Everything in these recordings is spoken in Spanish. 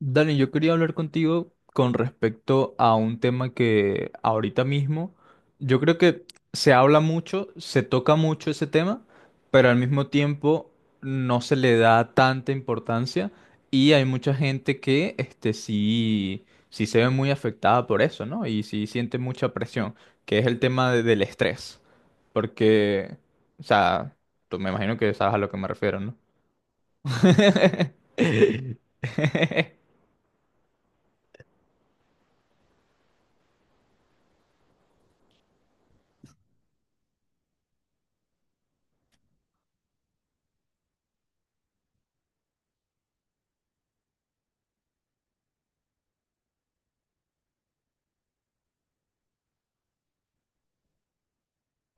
Dani, yo quería hablar contigo con respecto a un tema que ahorita mismo, yo creo que se habla mucho, se toca mucho ese tema, pero al mismo tiempo no se le da tanta importancia y hay mucha gente que sí, sí se ve muy afectada por eso, ¿no? Y sí siente mucha presión, que es el tema del estrés, porque, o sea, tú me imagino que sabes a lo que me refiero, ¿no?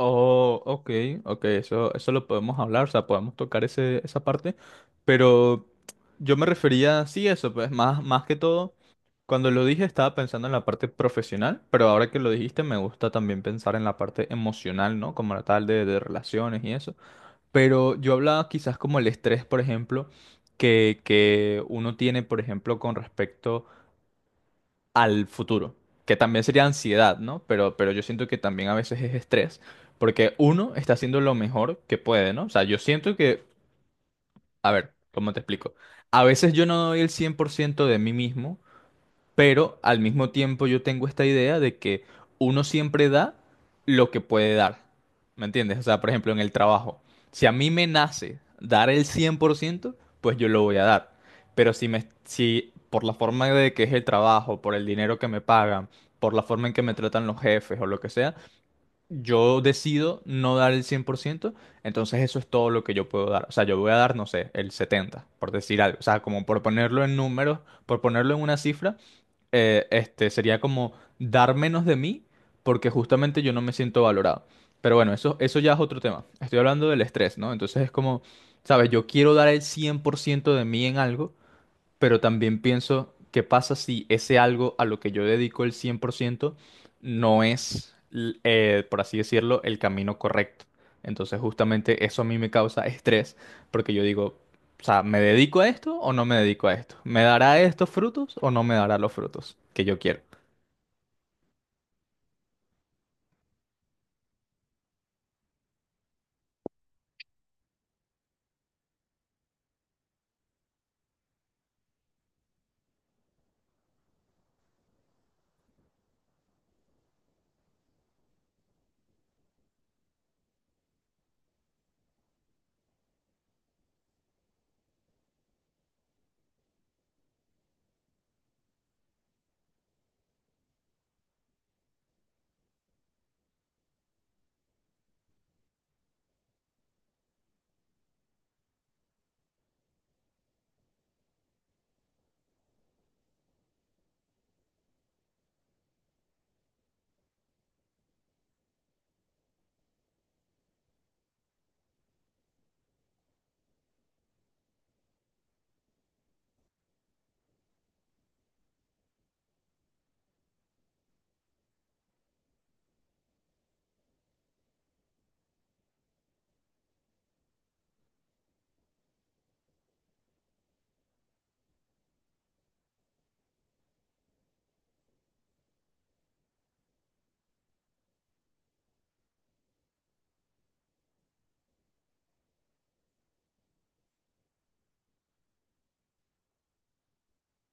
Oh, ok, ok, eso lo podemos hablar, o sea, podemos tocar esa parte, pero yo me refería, sí, eso, pues más, más que todo, cuando lo dije estaba pensando en la parte profesional, pero ahora que lo dijiste me gusta también pensar en la parte emocional, ¿no? Como la tal de relaciones y eso, pero yo hablaba quizás como el estrés, por ejemplo, que uno tiene, por ejemplo, con respecto al futuro, que también sería ansiedad, ¿no? Pero yo siento que también a veces es estrés, porque uno está haciendo lo mejor que puede, ¿no? O sea, yo siento que, a ver, ¿cómo te explico? A veces yo no doy el 100% de mí mismo pero al mismo tiempo yo tengo esta idea de que uno siempre da lo que puede dar. ¿Me entiendes? O sea, por ejemplo, en el trabajo, si a mí me nace dar el 100% pues yo lo voy a dar. Pero si por la forma de que es el trabajo, por el dinero que me pagan, por la forma en que me tratan los jefes o lo que sea, yo decido no dar el 100% entonces eso es todo lo que yo puedo dar. O sea, yo voy a dar, no sé, el 70%, por decir algo. O sea, como por ponerlo en números, por ponerlo en una cifra, sería como dar menos de mí porque justamente yo no me siento valorado. Pero bueno, eso ya es otro tema. Estoy hablando del estrés, ¿no? Entonces es como, ¿sabes? Yo quiero dar el 100% de mí en algo, pero también pienso, ¿qué pasa si ese algo a lo que yo dedico el 100% no es, por así decirlo, el camino correcto? Entonces justamente eso a mí me causa estrés, porque yo digo, o sea, ¿me dedico a esto o no me dedico a esto? ¿Me dará estos frutos o no me dará los frutos que yo quiero?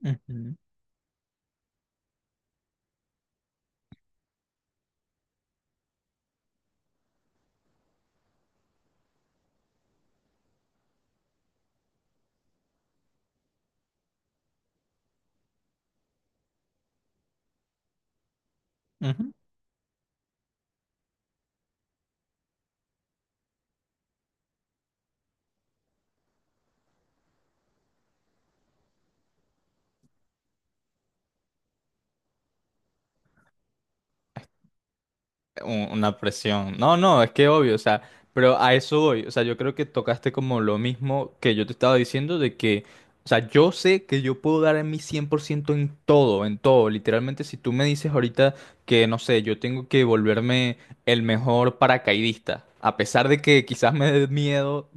Ujú, ujú. Una presión. No, no, es que obvio, o sea, pero a eso voy. O sea, yo creo que tocaste como lo mismo que yo te estaba diciendo de que, o sea, yo sé que yo puedo dar en mi 100% en todo, en todo. Literalmente, si tú me dices ahorita que, no sé, yo tengo que volverme el mejor paracaidista, a pesar de que quizás me dé miedo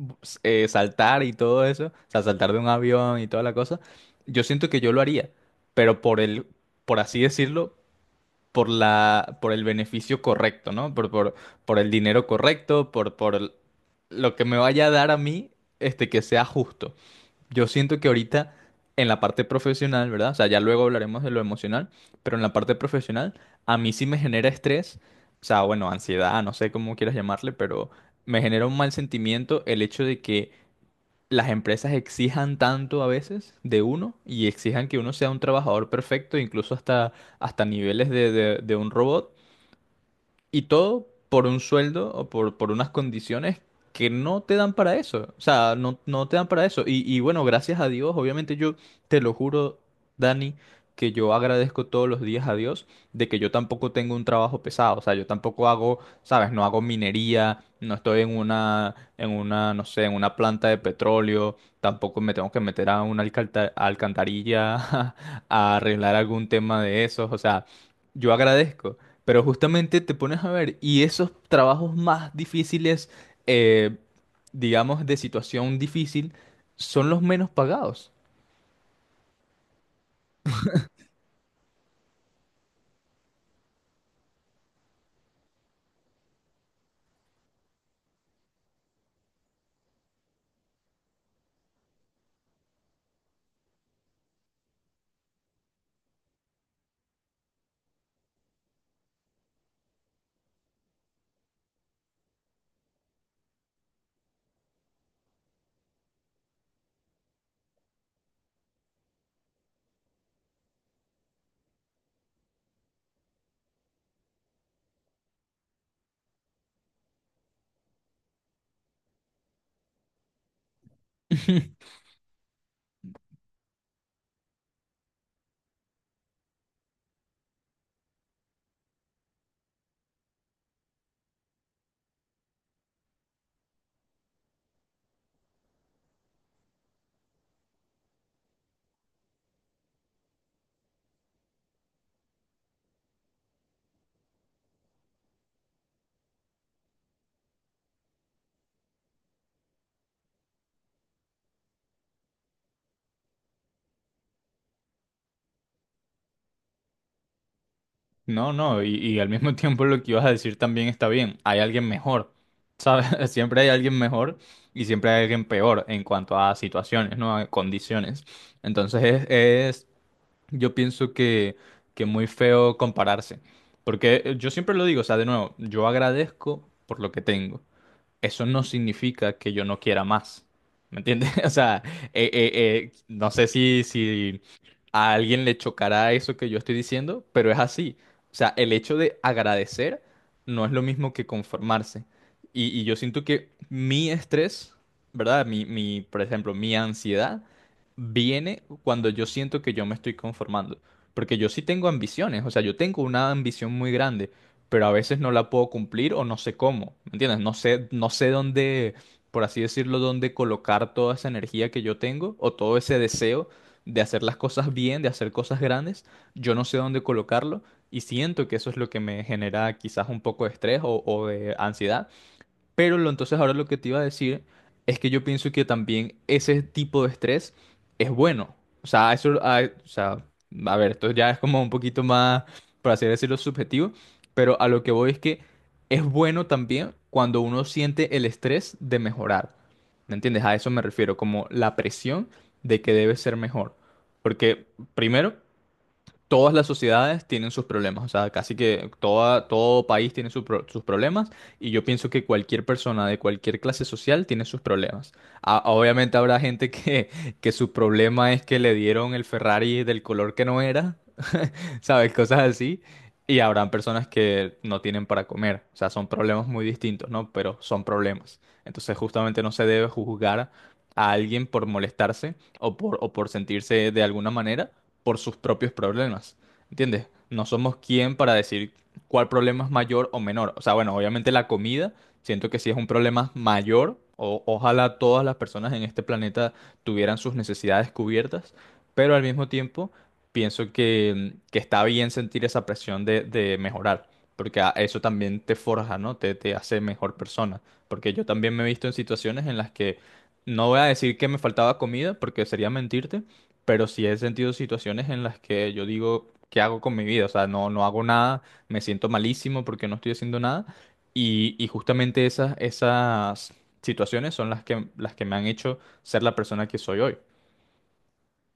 saltar y todo eso, o sea, saltar de un avión y toda la cosa, yo siento que yo lo haría, pero por así decirlo, por el beneficio correcto, ¿no? Por el dinero correcto, lo que me vaya a dar a mí, que sea justo. Yo siento que ahorita en la parte profesional, ¿verdad? O sea, ya luego hablaremos de lo emocional, pero en la parte profesional a mí sí me genera estrés, o sea, bueno, ansiedad, no sé cómo quieras llamarle, pero me genera un mal sentimiento el hecho de que las empresas exijan tanto a veces de uno y exijan que uno sea un trabajador perfecto, incluso hasta, hasta niveles de un robot, y todo por un sueldo o por unas condiciones que no te dan para eso. O sea, no, no te dan para eso. Y bueno, gracias a Dios, obviamente yo te lo juro, Dani, que yo agradezco todos los días a Dios de que yo tampoco tengo un trabajo pesado. O sea, yo tampoco hago, ¿sabes? No hago minería, no estoy en una, no sé, en una planta de petróleo, tampoco me tengo que meter a una alcantarilla a arreglar algún tema de esos. O sea, yo agradezco. Pero justamente te pones a ver, y esos trabajos más difíciles, eh, digamos, de situación difícil, son los menos pagados. No, no, y al mismo tiempo lo que ibas a decir también está bien, hay alguien mejor, ¿sabes? Siempre hay alguien mejor y siempre hay alguien peor en cuanto a situaciones, ¿no? A condiciones. Entonces es- yo pienso que muy feo compararse, porque yo siempre lo digo, o sea, de nuevo, yo agradezco por lo que tengo. Eso no significa que yo no quiera más. ¿Me entiendes? O sea, no sé si a alguien le chocará eso que yo estoy diciendo, pero es así. O sea, el hecho de agradecer no es lo mismo que conformarse. Y yo siento que mi estrés, ¿verdad? Por ejemplo, mi ansiedad viene cuando yo siento que yo me estoy conformando. Porque yo sí tengo ambiciones, o sea, yo tengo una ambición muy grande pero a veces no la puedo cumplir o no sé cómo, ¿me entiendes? No sé, no sé dónde, por así decirlo, dónde colocar toda esa energía que yo tengo o todo ese deseo de hacer las cosas bien, de hacer cosas grandes, yo no sé dónde colocarlo y siento que eso es lo que me genera quizás un poco de estrés o de ansiedad, pero entonces ahora lo que te iba a decir es que yo pienso que también ese tipo de estrés es bueno. O sea, eso, o sea, a ver, esto ya es como un poquito más, por así decirlo, subjetivo, pero a lo que voy es que es bueno también cuando uno siente el estrés de mejorar. ¿Me entiendes? A eso me refiero, como la presión de que debes ser mejor. Porque primero, todas las sociedades tienen sus problemas, o sea, casi que toda, todo país tiene su sus problemas y yo pienso que cualquier persona de cualquier clase social tiene sus problemas. A- obviamente habrá gente que su problema es que le dieron el Ferrari del color que no era. ¿Sabes? Cosas así. Y habrán personas que no tienen para comer. O sea, son problemas muy distintos, ¿no? Pero son problemas. Entonces, justamente no se debe juzgar a alguien por molestarse o por sentirse de alguna manera por sus propios problemas. ¿Entiendes? No somos quien para decir cuál problema es mayor o menor. O sea, bueno, obviamente la comida, siento que sí es un problema mayor. O, ojalá todas las personas en este planeta tuvieran sus necesidades cubiertas, pero al mismo tiempo pienso que está bien sentir esa presión de mejorar, porque a- eso también te forja, ¿no? Te hace mejor persona, porque yo también me he visto en situaciones en las que no voy a decir que me faltaba comida, porque sería mentirte, pero sí he sentido situaciones en las que yo digo, ¿qué hago con mi vida? O sea, no, no hago nada, me siento malísimo porque no estoy haciendo nada, y justamente esas situaciones son las que me han hecho ser la persona que soy hoy.